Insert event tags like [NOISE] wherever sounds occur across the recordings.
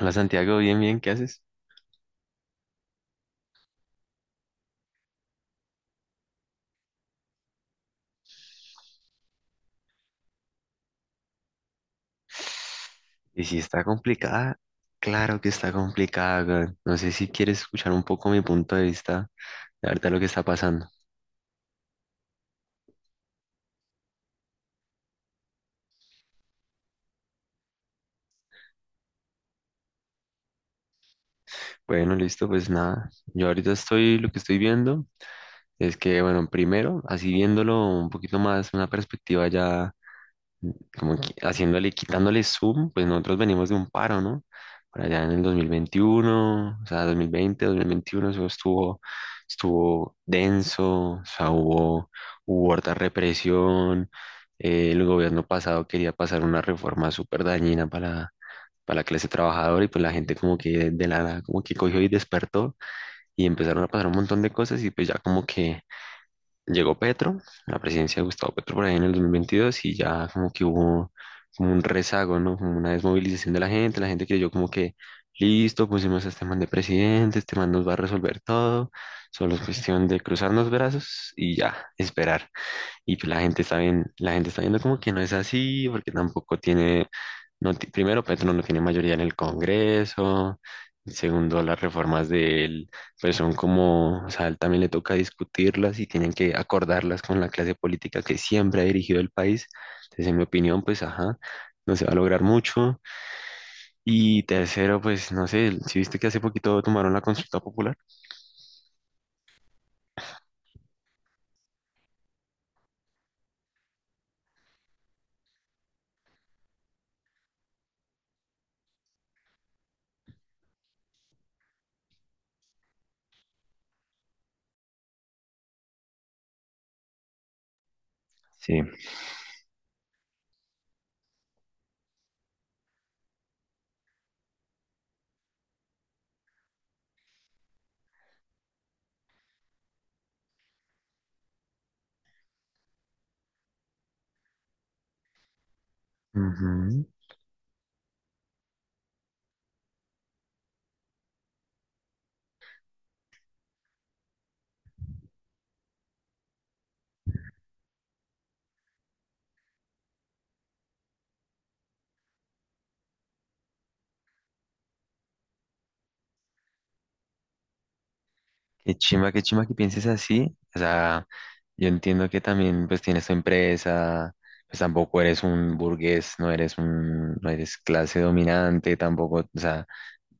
Hola Santiago, bien, bien, ¿qué haces? Y si está complicada, claro que está complicada, weón. No sé si quieres escuchar un poco mi punto de vista de ahorita lo que está pasando. Bueno, listo, pues nada. Yo ahorita estoy, lo que estoy viendo es que, bueno, primero, así viéndolo un poquito más, una perspectiva ya como que haciéndole, quitándole zoom, pues nosotros venimos de un paro, ¿no? Por allá en el 2021, o sea, 2020, 2021, eso estuvo, estuvo denso, o sea, hubo harta represión. El gobierno pasado quería pasar una reforma súper dañina para la clase trabajadora, y pues la gente como que de la nada como que cogió y despertó y empezaron a pasar un montón de cosas. Y pues ya como que llegó Petro, la presidencia de Gustavo Petro por ahí en el 2022, y ya como que hubo como un rezago, ¿no? Como una desmovilización de la gente. La gente creyó como que listo, pusimos a este man de presidente, este man nos va a resolver todo, solo es cuestión de cruzarnos brazos y ya, esperar. Y pues la gente está bien, la gente está viendo como que no es así, porque tampoco tiene, no, primero Petro no tiene mayoría en el Congreso, y segundo las reformas de él, pues son como, o sea, a él también le toca discutirlas y tienen que acordarlas con la clase política que siempre ha dirigido el país. Entonces, en mi opinión, pues ajá, no se va a lograr mucho. Y tercero, pues no sé, si viste que hace poquito tomaron la consulta popular. Sí. Ujú. Qué chimba que pienses así. O sea, yo entiendo que también pues tienes tu empresa, pues tampoco eres un burgués, no eres un, no eres clase dominante, tampoco, o sea,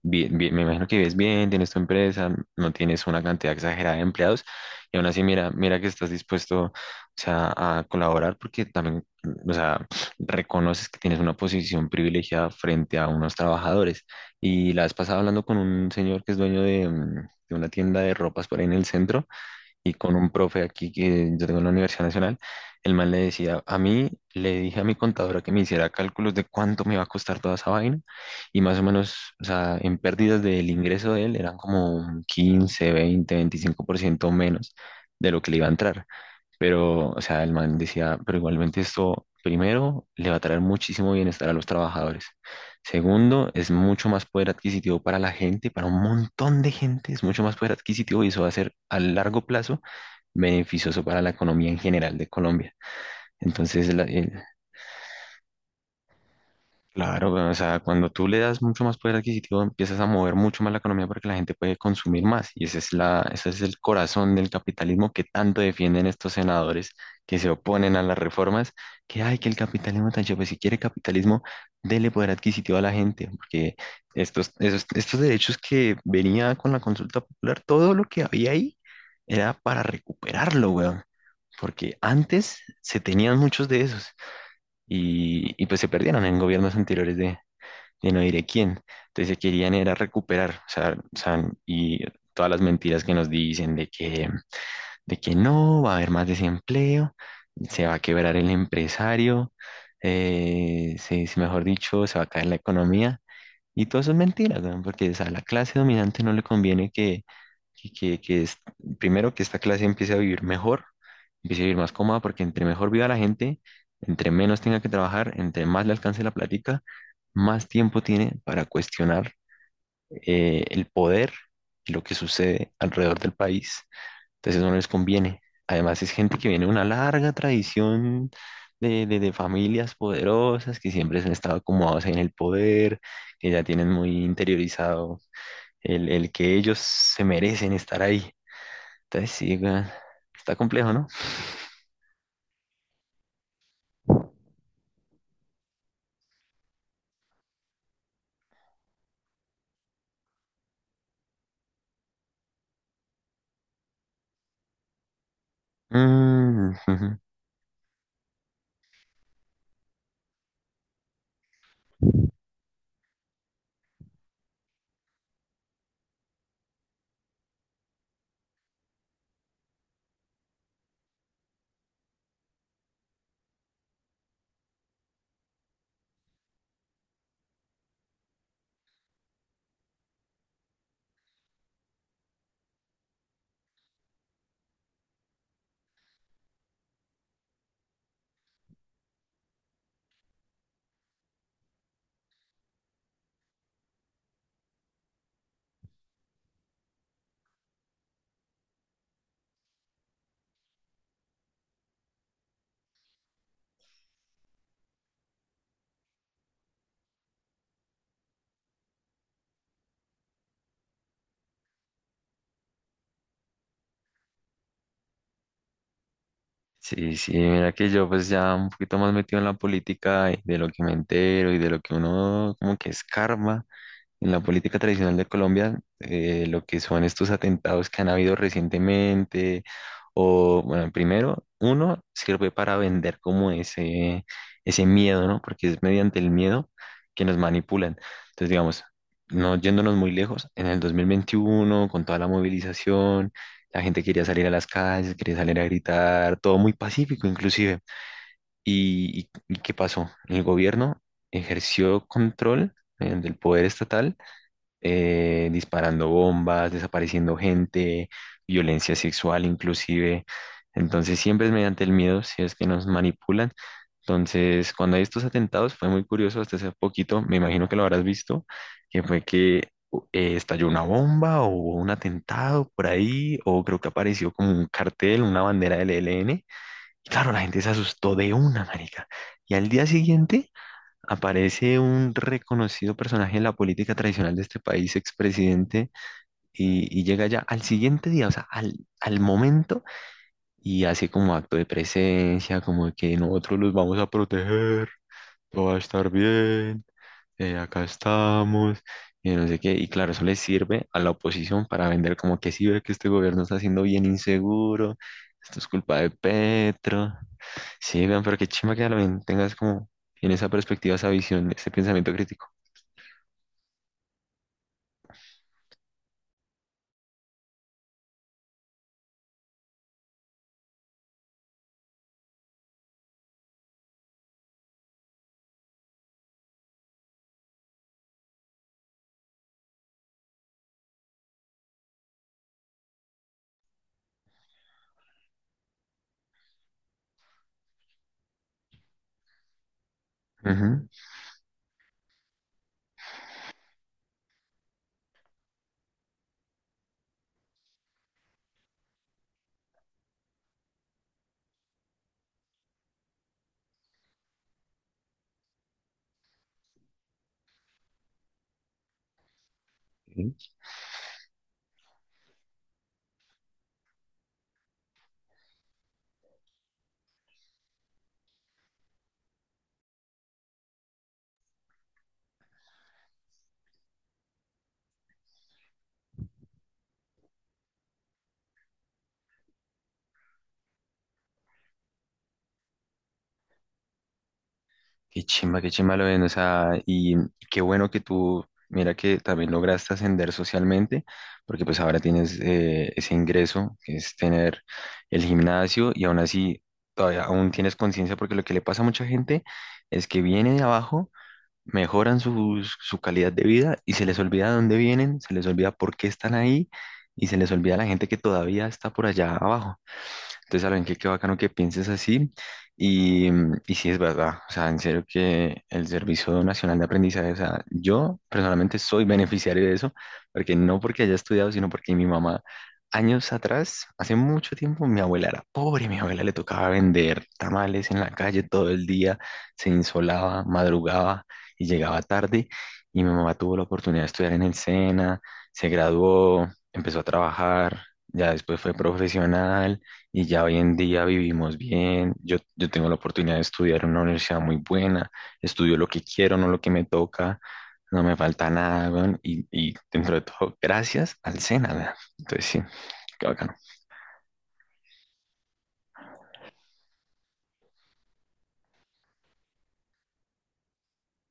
me imagino que vives bien, tienes tu empresa, no tienes una cantidad exagerada de empleados, y aún así mira, mira que estás dispuesto, o sea, a colaborar porque también, o sea, reconoces que tienes una posición privilegiada frente a unos trabajadores. Y la vez pasada hablando con un señor que es dueño de, de una tienda de ropas por ahí en el centro, y con un profe aquí que yo tengo en la Universidad Nacional, el man le decía, a mí le dije a mi contadora que me hiciera cálculos de cuánto me iba a costar toda esa vaina y más o menos, o sea, en pérdidas del ingreso de él eran como un 15, 20, 25% menos de lo que le iba a entrar. Pero, o sea, el man decía, pero igualmente esto, primero, le va a traer muchísimo bienestar a los trabajadores. Segundo, es mucho más poder adquisitivo para la gente, para un montón de gente, es mucho más poder adquisitivo, y eso va a ser a largo plazo beneficioso para la economía en general de Colombia. Entonces, claro, o sea, cuando tú le das mucho más poder adquisitivo, empiezas a mover mucho más la economía porque la gente puede consumir más. Y ese es la, ese es el corazón del capitalismo que tanto defienden estos senadores que se oponen a las reformas, que hay que el capitalismo tan chévere. Pues si quiere capitalismo, dele poder adquisitivo a la gente, porque estos derechos que venía con la consulta popular, todo lo que había ahí era para recuperarlo, weón. Porque antes se tenían muchos de esos y pues se perdieron en gobiernos anteriores de no diré quién. Entonces se querían era recuperar, o sea, y todas las mentiras que nos dicen de que no, va a haber más desempleo, se va a quebrar el empresario, mejor dicho, se va a caer la economía. Y todo eso es mentira, weón, porque o sea, a la clase dominante no le conviene que primero que esta clase empiece a vivir mejor, empiece a vivir más cómoda, porque entre mejor viva la gente, entre menos tenga que trabajar, entre más le alcance la plática, más tiempo tiene para cuestionar el poder y lo que sucede alrededor del país. Entonces no les conviene. Además es gente que viene de una larga tradición de familias poderosas que siempre han estado acomodados en el poder, que ya tienen muy interiorizado el que ellos se merecen estar ahí. Entonces sí, weón, está complejo, ¿no? Mm. [LAUGHS] Ujú. Sí, sí, mira que yo pues ya un poquito más metido en la política y de lo que me entero y de lo que uno como que escarba. En la política tradicional de Colombia, lo que son estos atentados que han habido recientemente, o bueno, primero, uno sirve para vender como ese miedo, ¿no? Porque es mediante el miedo que nos manipulan. Entonces, digamos, no yéndonos muy lejos, en el 2021, con toda la movilización, la gente quería salir a las calles, quería salir a gritar, todo muy pacífico inclusive. Y qué pasó? El gobierno ejerció control del poder estatal, disparando bombas, desapareciendo gente, violencia sexual inclusive. Entonces siempre es mediante el miedo si es que nos manipulan. Entonces cuando hay estos atentados fue muy curioso hasta hace poquito, me imagino que lo habrás visto, que fue que estalló una bomba o hubo un atentado por ahí, o creo que apareció como un cartel, una bandera del ELN. Y claro, la gente se asustó de una, marica. Y al día siguiente aparece un reconocido personaje en la política tradicional de este país, expresidente, y llega ya al siguiente día, o sea, al, al momento, y hace como acto de presencia, como que nosotros los vamos a proteger, todo va a estar bien, acá estamos, y no sé qué. Y claro, eso le sirve a la oposición para vender como que sí ve que este gobierno está siendo bien inseguro, esto es culpa de Petro. Sí, vean, pero qué chimba que también tengas como en esa perspectiva, esa visión, ese pensamiento crítico. Ujú. Sí. Qué chimba lo ven, o sea, y qué bueno que tú, mira que también lograste ascender socialmente, porque pues ahora tienes ese ingreso, que es tener el gimnasio, y aún así, todavía aún tienes conciencia, porque lo que le pasa a mucha gente es que viene de abajo, mejoran su, su calidad de vida, y se les olvida de dónde vienen, se les olvida por qué están ahí, y se les olvida la gente que todavía está por allá abajo. Entonces, Alan, qué, qué bacano que pienses así. Y, mm, y sí es verdad, o sea, en serio que el Servicio Nacional de Aprendizaje, o sea, yo personalmente soy beneficiario de eso, porque no porque haya estudiado, sino porque mi mamá, años atrás, hace mucho tiempo, mi abuela era pobre, mi abuela le tocaba vender tamales en la calle todo el día, se insolaba, madrugaba y llegaba tarde. Y mi mamá tuvo la oportunidad de estudiar en el SENA, se graduó, empezó a trabajar, ya después fue profesional, y ya hoy en día vivimos bien. Yo tengo la oportunidad de estudiar en una universidad muy buena, estudio lo que quiero, no lo que me toca, no me falta nada, weón. Y dentro de todo, gracias al SENA, weón. Entonces sí, qué bacano.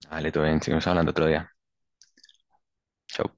Vale, todo bien, seguimos hablando otro día. Chao.